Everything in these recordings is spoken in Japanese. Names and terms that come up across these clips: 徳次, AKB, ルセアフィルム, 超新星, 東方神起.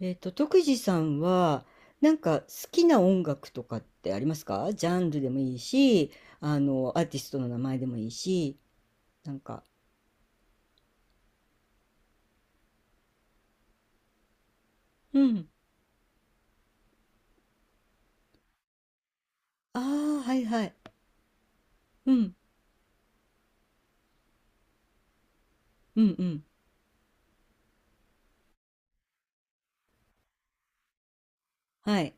徳次さんは、なんか好きな音楽とかってありますか？ジャンルでもいいし、アーティストの名前でもいいし、なんか、うん。ああ、はいはい。うん、うん。はい。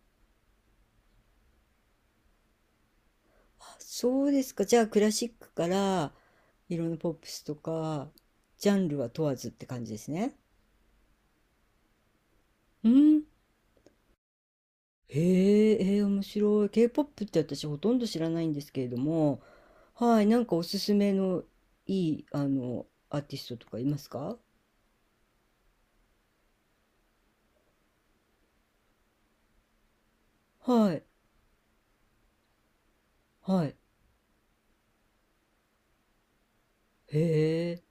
あ、そうですか。じゃあ、クラシックから、いろんなポップスとか、ジャンルは問わずって感じですね。うん。へえ、面白い。K-POP って私ほとんど知らないんですけれども、はい、なんかおすすめのいい、アーティストとかいますか？はい、はい。へえ。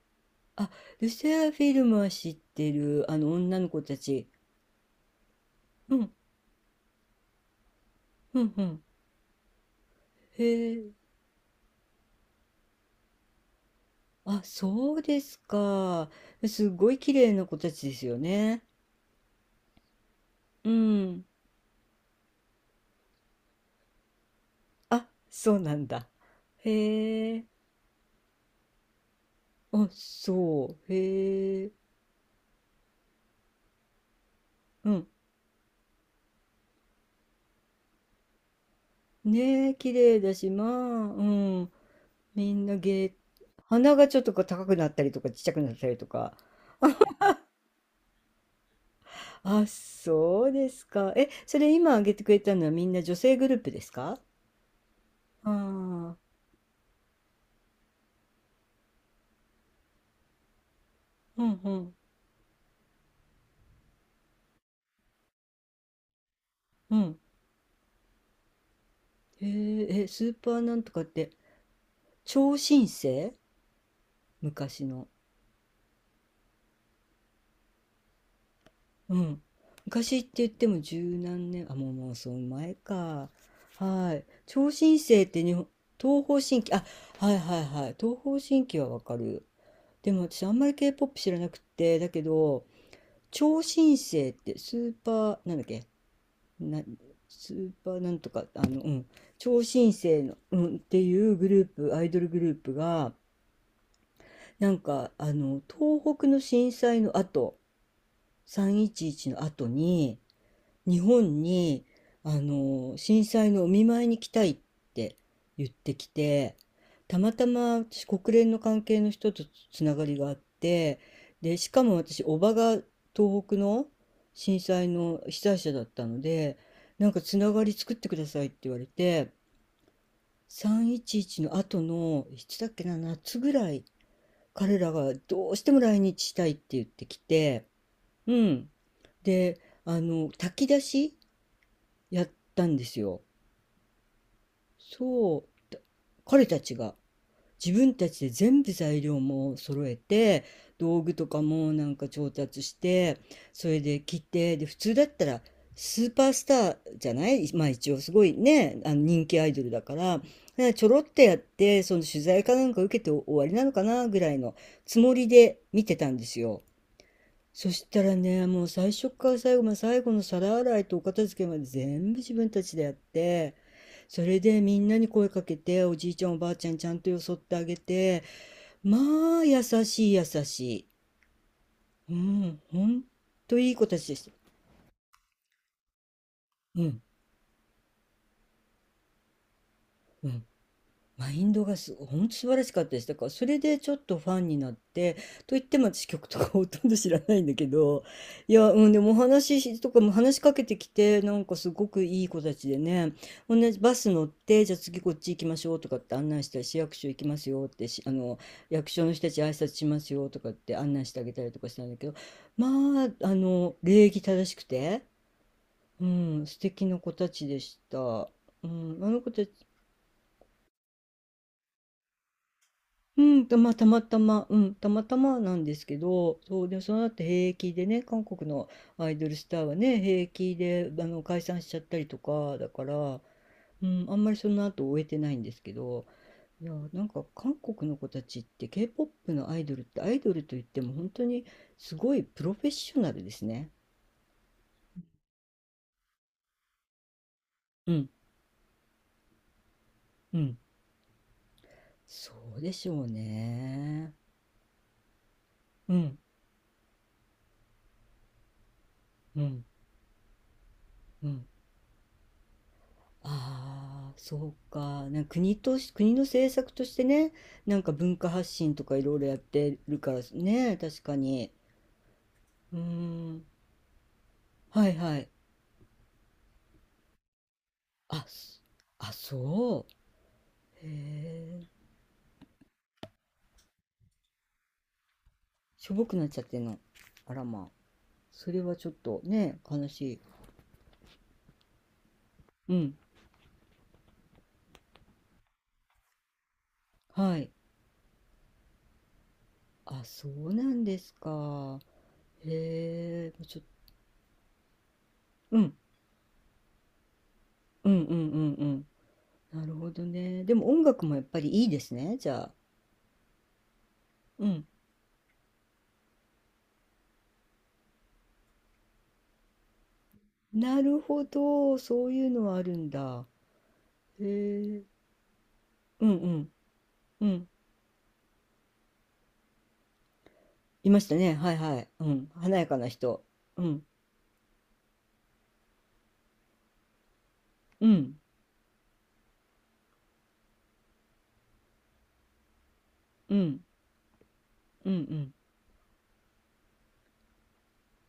あ、ルセアフィルムは知ってる、女の子たち。うん、うん。へえ。あ、そうですか。すごい綺麗な子たちですよね。うん。あ、そうなんだ。へえ。あ、そう。へえ。うん。ねえ、綺麗だし、まあ、うん、みんな芸、鼻がちょっとこう高くなったりとか、ちっちゃくなったりとか。あ、そうですか。え、それ今挙げてくれたのはみんな女性グループですか？ああ、うんうん、うん。へえ、え、スーパーなんとかって、超新星？昔の。うん。昔って言っても十何年、あ、もうその前か。はい。超新星って日本、東方神起、あ、はいはいはい。東方神起はわかる。でも私あんまり K-POP 知らなくって、だけど、超新星ってスーパー、なんだっけ、な、スーパーなんとか、うん、超新星の、うん、っていうグループ、アイドルグループが、東北の震災の後、311の後に、日本に、震災のお見舞いに来たいって言ってきて、たまたま私国連の関係の人とつながりがあって、で、しかも私、叔母が東北の震災の被災者だったので、なんかつながり作ってくださいって言われて、311の後の、いつだっけな、夏ぐらい、彼らがどうしても来日したいって言ってきて、うん。で、炊き出しやったんですよ。そう。だ彼たちが自分たちで全部材料も揃えて、道具とかもなんか調達して、それで切って、で、普通だったらスーパースターじゃないまあ一応すごいね、あの人気アイドルだから、ねちょろっとやって、その取材かなんか受けて終わりなのかなぐらいのつもりで見てたんですよ。そしたらね、もう最初から最後まで最後の皿洗いとお片付けまで全部自分たちでやって、それでみんなに声かけて、おじいちゃんおばあちゃんちゃんとよそってあげて、まあ優しい優しい。うん、ほんといい子たちでした。うん、うん。マインドがす、本当素晴らしかったです。だからそれでちょっとファンになって、と言っても私曲とかほとんど知らないんだけど、いや、うん、でもお話しとかも話しかけてきて、なんかすごくいい子たちでね、同じバス乗って、じゃあ次こっち行きましょうとかって案内したり、市役所行きますよってし、役所の人たち挨拶しますよとかって案内してあげたりとかしたんだけど、まあ、礼儀正しくて、うん、素敵な子たちでした。うん、あの子たち、うん、と、まあ、たまたま、うん、たまたまなんですけど、そう、で、その後平気でね、韓国のアイドルスターはね、平気で、解散しちゃったりとか、だから、うん、あんまりその後終えてないんですけど、いや、なんか韓国の子たちって K-POP のアイドルってアイドルといっても本当にすごいプロフェッショナルですね。うん、うん、そうでしょうね。うん、うん、うん。ああ、そうか。なんか国とし、国の政策としてね、なんか文化発信とかいろいろやってるからね、確かに。うーん。はいはい。あ、す、あ、そう。へえ。しょぼくなっちゃってんの。あらまあ。それはちょっとね、悲しい。うん。はい。あ、そうなんですか。へえ。ちょ、うん。うん。なるほどね。でも音楽もやっぱりいいですね、じゃあ。うん。なるほど、そういうのはあるんだ。へえ。うんうんうん。いましたね。はいはい。うん。華やかな人。うん。うんうんうん。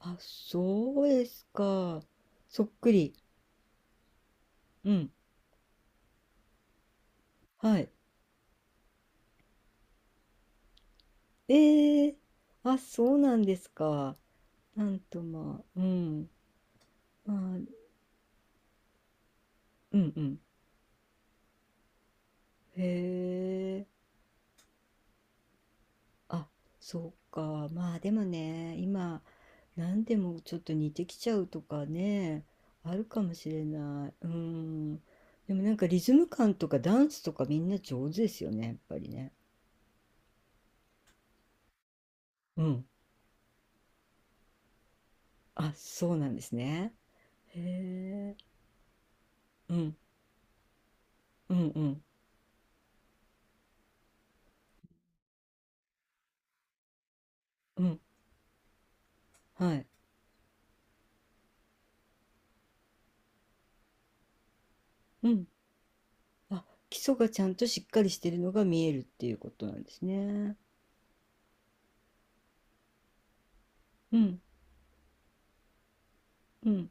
あ、そうですか。そっくり。うん。はい。ええ。あ、そうなんですか。なんとまあ、うん。まあ、うん、うん。へえ。あ、そうか。まあでもね、今、何でもちょっと似てきちゃうとかね、あるかもしれない。うん。でもなんかリズム感とかダンスとかみんな上手ですよね、やっぱりね。うん。あ、そうなんですね。へえ。うん。うんうんうん。はい。うん。あ、基礎がちゃんとしっかりしてるのが見えるっていうことなんですね。うん。うん。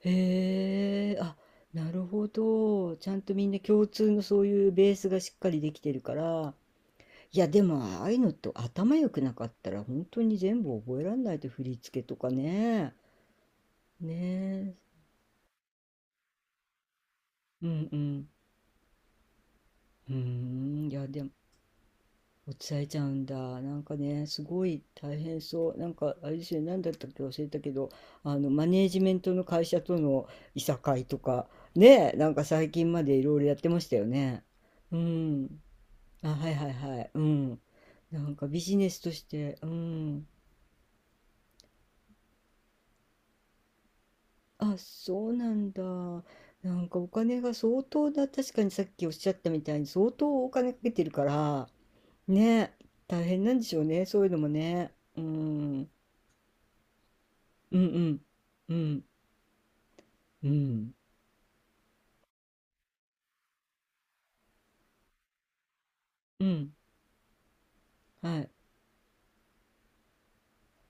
へえ、あ、なるほど。ちゃんとみんな共通のそういうベースがしっかりできてるから。いや、でもああいうのって頭良くなかったら本当に全部覚えられないと振り付けとかね。ねえ。うんうん。うーん。いや、でも落ちされちゃうんだ。なんかね、すごい大変そう。なんかあれですよね、何だったっけ忘れたけど、あのマネージメントの会社とのいさかいとか、ねえ、なんか最近までいろいろやってましたよね。うん。あ、はいはいはい。うん。なんかビジネスとして、うん。あ、そうなんだ。なんかお金が相当だ。確かにさっきおっしゃったみたいに相当お金かけてるから、ね、大変なんでしょうね。そういうのもね。うん。うんうん。うん。うん。うん。はい。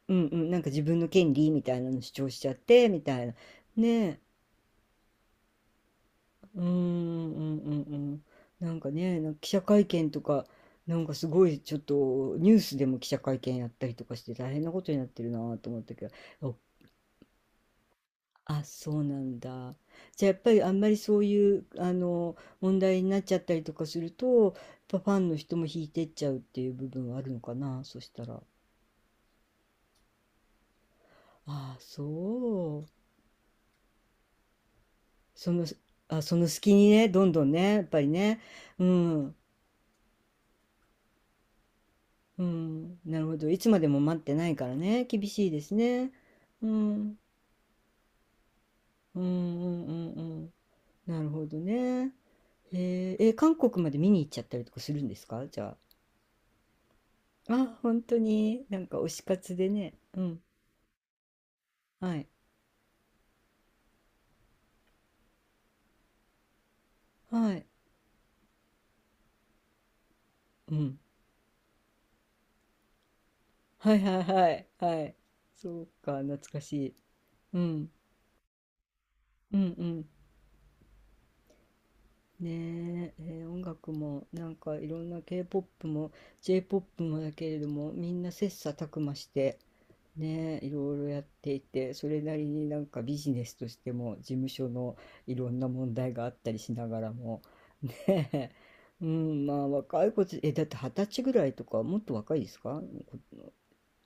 うんうんうん、はい、うんうん、なんか自分の権利みたいなの主張しちゃって、みたいな。ね、うーん、うんうんうん、なんかね、なんか記者会見とか、なんかすごいちょっとニュースでも記者会見やったりとかして大変なことになってるなと思ったけど、お、あ、そうなんだ。じゃあやっぱりあんまりそういうあの問題になっちゃったりとかするとやっぱファンの人も引いてっちゃうっていう部分はあるのかな、そしたら、ああ、そう、そ、のあ、その隙にねどんどんねやっぱりね、うん、うん、なるほど。いつまでも待ってないからね。厳しいですね。うん、うん。なるほどね。へえー、え、韓国まで見に行っちゃったりとかするんですか、じゃあ？あ、本当に、なんか推し活でね。うん。はい。はい。うん。はいはいはい。はい。そうか、懐かしい。うん。うんうん、ねえ、音楽もなんかいろんな K-POP も J-POP もだけれどもみんな切磋琢磨して、ねえ、いろいろやっていてそれなりになんかビジネスとしても事務所のいろんな問題があったりしながらも、ねえ、うん、まあ若い子たちえだって二十歳ぐらいとかもっと若いですか？こ、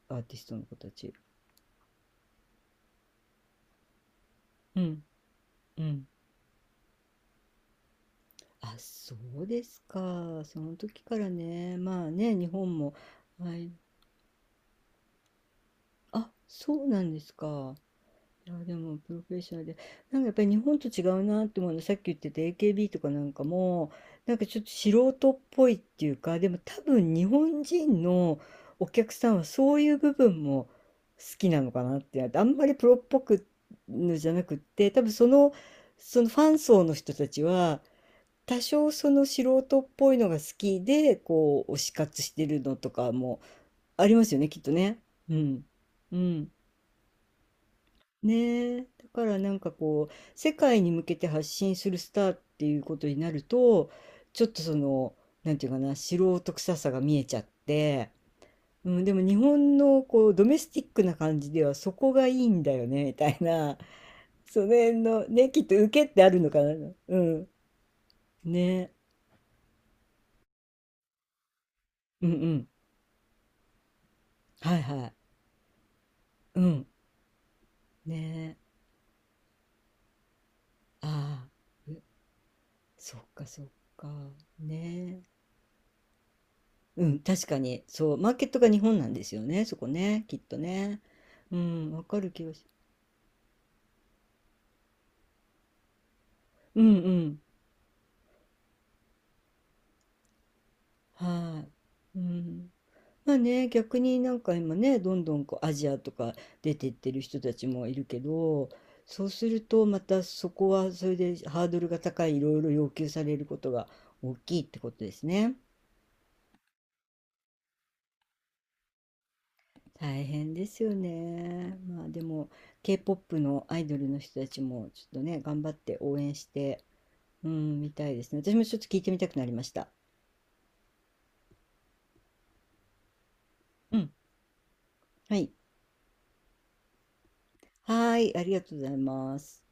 アーティストの子たち。うんうん、あ、そうですか。その時からね、まあね、日本もアイ、あ、そうなんですか。いや、でもプロフェッショナルで、なんかやっぱり日本と違うなって思うの、さっき言ってた AKB とかなんかも、なんかちょっと素人っぽいっていうか、でも多分日本人のお客さんはそういう部分も好きなのかなって、あんまりプロっぽくのじゃなくって、多分その、そのファン層の人たちは、多少その素人っぽいのが好きで、こう、推し活してるのとかもありますよね、きっとね。うん。うん。ねえ、だからなんかこう世界に向けて発信するスターっていうことになるとちょっとその、なんていうかな、素人臭さが見えちゃって、うん、でも日本のこうドメスティックな感じではそこがいいんだよねみたいな その辺のねきっと受けってあるのかな。うん、ねえ、うんうん、はいはい、うん、ねえ、ああ、う、そっかそっか、ねえ、うん、確かに。そう、マーケットが日本なんですよね、そこね、きっとね。うん、わかる気がし、うんうん、はい。うん。まあね、逆になんか今ね、どんどんこうアジアとか出てってる人たちもいるけど、そうするとまたそこはそれでハードルが高い、いろいろ要求されることが大きいってことですね。大変ですよね。まあでも K-POP のアイドルの人たちもちょっとね、頑張って応援して、うん、みたいですね。私もちょっと聞いてみたくなりました。うん。はい。はーい、ありがとうございます。